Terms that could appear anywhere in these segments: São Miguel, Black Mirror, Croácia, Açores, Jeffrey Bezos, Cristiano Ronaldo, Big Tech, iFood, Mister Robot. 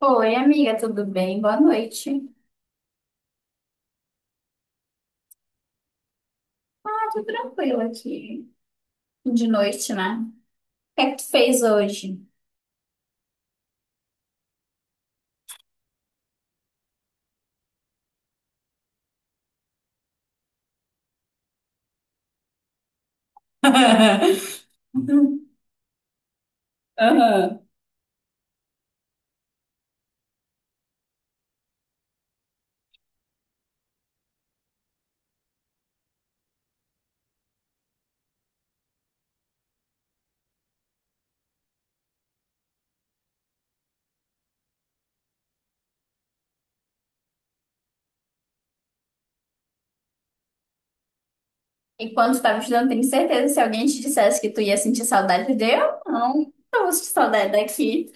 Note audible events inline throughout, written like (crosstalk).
Oi, amiga, tudo bem? Boa noite. Ah, tudo tranquilo aqui. De noite, né? O que é que tu fez hoje? Uhum. Aham. (laughs) Enquanto tu tava estudando, tenho certeza que se alguém te dissesse que tu ia sentir saudade de eu, não. Eu vou sentir saudade daqui.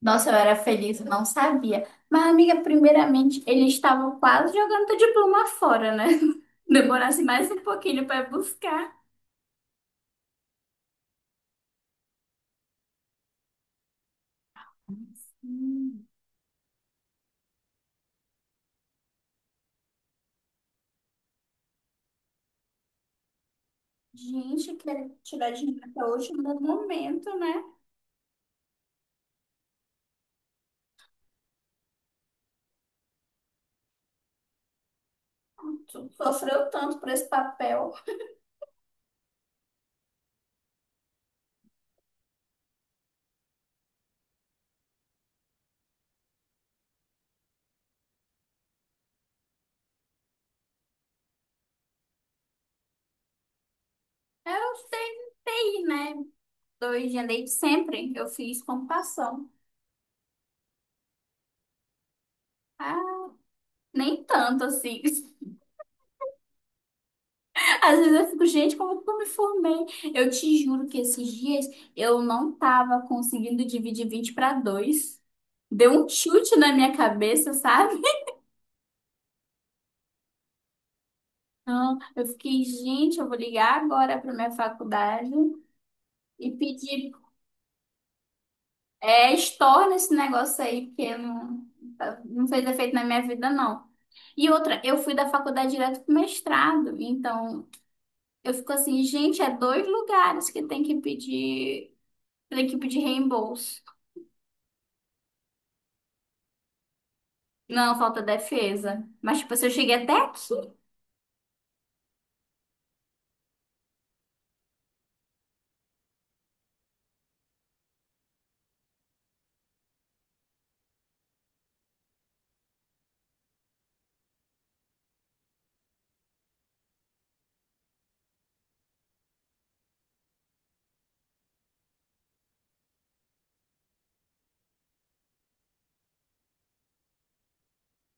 Nossa, eu era feliz, eu não sabia. Mas, amiga, primeiramente, eles estavam quase jogando teu diploma fora, né? (laughs) Demorasse mais um pouquinho pra buscar. Hum. Gente, quero tirar dinheiro até o último momento, né? Tu sofreu tanto por esse papel. Eu sei, né? Dois de leite sempre. Eu fiz computação. Ah, nem tanto assim. (laughs) Às vezes eu fico, gente, como que eu me formei? Eu te juro que esses dias eu não tava conseguindo dividir 20 para 2. Deu um chute na minha cabeça, sabe? (laughs) Então, eu fiquei, gente, eu vou ligar agora para minha faculdade e pedir, é, estorna esse negócio aí, porque não, não fez efeito na minha vida, não. E outra, eu fui da faculdade direto pro mestrado, então eu fico assim, gente, é dois lugares que tem que pedir reembolso. Não, falta defesa. Mas, tipo, se eu cheguei até aqui,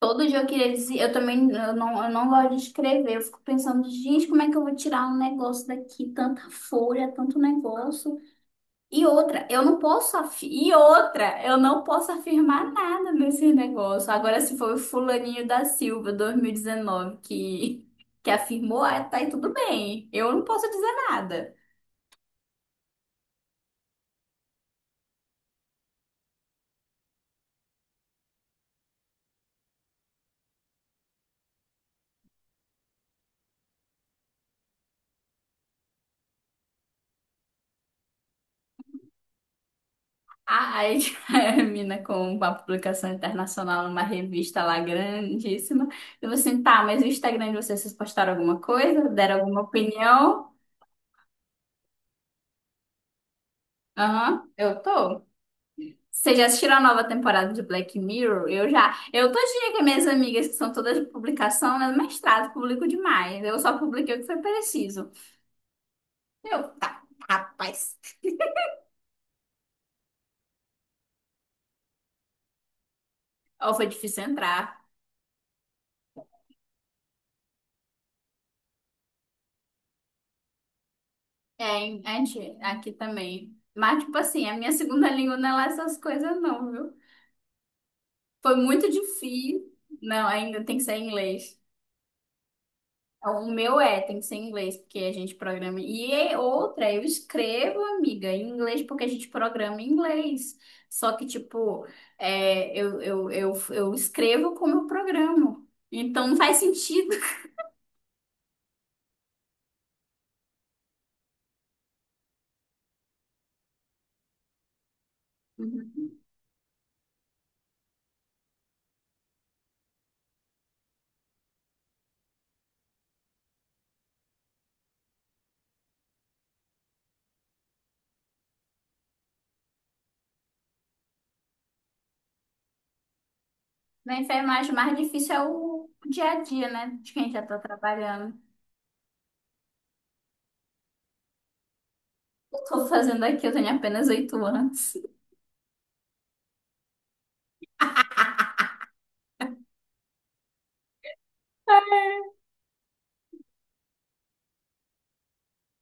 todo dia eu queria dizer, eu também, eu não gosto de escrever, eu fico pensando, gente, como é que eu vou tirar um negócio daqui, tanta folha, tanto negócio. E outra, eu não posso afi- e outra, eu não posso afirmar nada nesse negócio. Agora, se foi o fulaninho da Silva, 2019, que, afirmou, ah, tá aí tudo bem. Eu não posso dizer nada. Ah, aí (laughs) a mina com uma publicação internacional numa revista lá grandíssima. Eu falei assim, tá, mas o Instagram de vocês, vocês postaram alguma coisa? Deram alguma opinião? Aham, eu tô. Vocês já assistiram a nova temporada de Black Mirror? Eu já. Eu todo dia com minhas amigas, que são todas de publicação, né? Mestrado, publico demais. Eu só publiquei o que foi preciso. Eu, tá, rapaz. Ou foi difícil entrar. É, em- a gente, aqui também. Mas, tipo assim, a minha segunda língua não é lá essas coisas, não, viu? Foi muito difícil. Não, ainda tem que ser em inglês. Então, o meu é, tem que ser em inglês, porque a gente programa. E é outra, eu escrevo, amiga, em inglês, porque a gente programa em inglês. Só que, tipo, é, eu escrevo como eu programo. Então não faz sentido. Uhum. Na enfermagem, o mais difícil é o dia a dia, né? De quem já tá trabalhando. Eu tô fazendo aqui, eu tenho apenas 8 anos.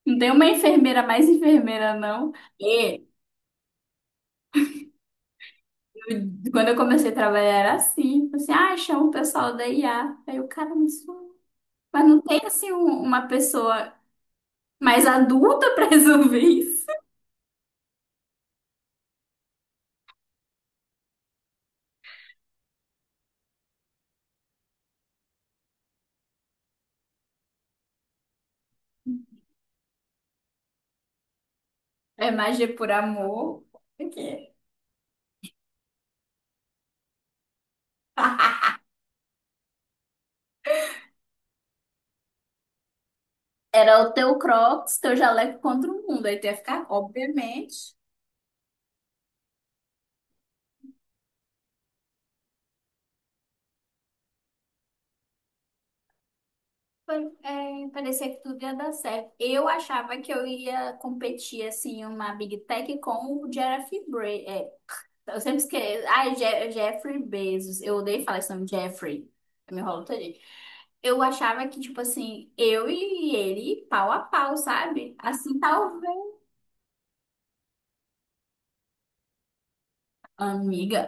Não tem uma enfermeira mais enfermeira, não. (laughs) Quando eu comecei a trabalhar era assim, assim, ah, chama o pessoal da IA. Aí o cara me disse, mas não tem assim um- uma pessoa mais adulta (laughs) pra resolver isso? É magia por amor. Porque (laughs) era o teu Crocs, teu jaleco contra o mundo. Aí tu ia ficar, obviamente, pa- é, parecia que tudo ia dar certo. Eu achava que eu ia competir assim, uma Big Tech com o Jeff. Eu sempre esqueço. Ai, Je- Jeffrey Bezos. Eu odeio falar esse nome, Jeffrey. Eu me enrolo todinho. Eu achava que, tipo assim, eu e ele, pau a pau, sabe? Assim, talvez. Amiga,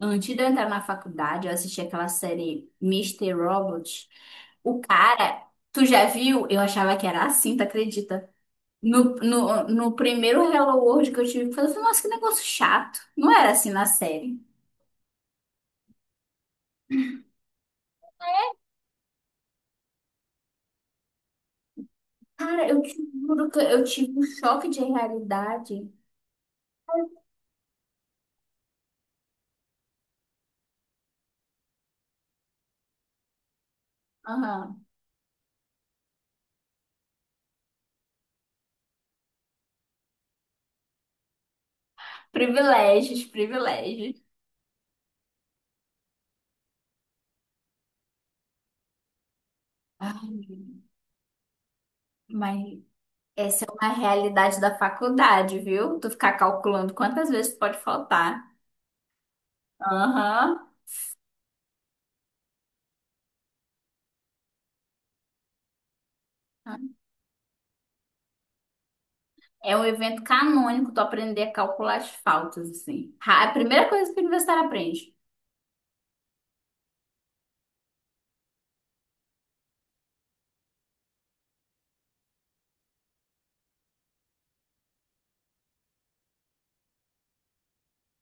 antes de eu entrar na faculdade, eu assisti aquela série Mister Robot. O cara, tu já viu? Eu achava que era assim, tu acredita? No primeiro Hello World que eu tive que fazer, eu falei, assim, nossa, que negócio chato. Não era assim na série. Cara, eu te juro que eu tive um choque de realidade. Aham. Privilégios, privilégios. Ai, mas essa é uma realidade da faculdade, viu? Tu ficar calculando quantas vezes pode faltar. Aham. É um evento canônico tu aprender a calcular as faltas, assim. Ra- A primeira coisa que o universitário aprende.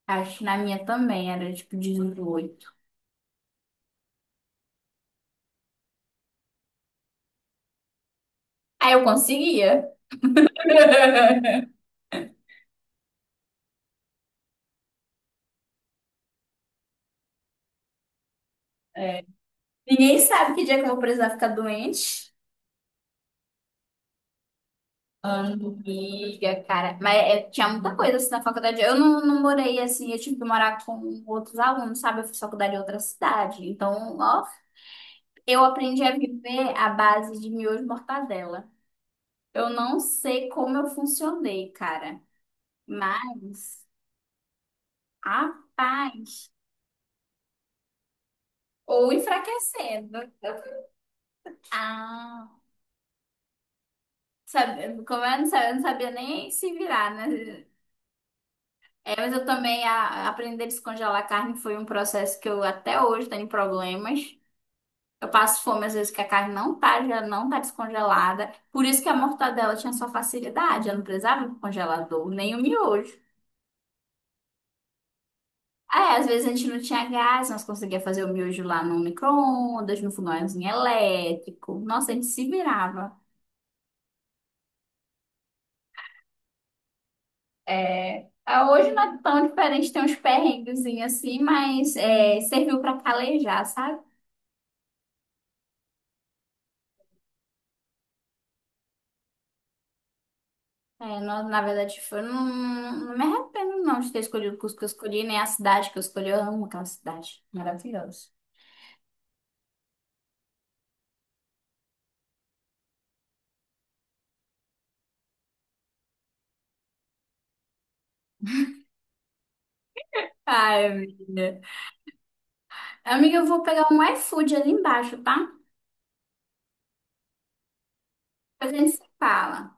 Acho que na minha também era tipo 18. Aí eu conseguia. (laughs) Ninguém sabe que dia que eu vou precisar ficar doente. Amiga, cara. Mas é- tinha muita coisa assim na faculdade. Eu não, não morei assim, eu tive que morar com outros alunos, sabe? Eu fiz faculdade em outra cidade. Então, ó, eu aprendi a viver à base de miojo e mortadela. Eu não sei como eu funcionei, cara. Mas, rapaz, ou enfraquecendo. Ah, sabe, como eu não sabia nem se virar, né? É, mas eu também a, aprender a descongelar a carne foi um processo que eu até hoje tenho problemas. Eu passo fome às vezes que a carne não tá, já não tá descongelada. Por isso que a mortadela tinha sua facilidade, ela não precisava do congelador, nem o miojo. É, às vezes a gente não tinha gás, nós conseguia fazer o miojo lá no micro-ondas, no fogãozinho elétrico. Nossa, a gente se virava. É, ah, hoje não é tão diferente, tem uns perrenguezinhos assim, mas é, serviu para calejar, sabe? É, na, na verdade, foi, não, não me arrependo não de ter escolhido o curso que eu escolhi, nem a cidade que eu escolhi. Eu amo aquela cidade. Maravilhosa. Ai, amiga. Amiga, eu vou pegar um iFood ali embaixo, tá? Depois a gente se fala.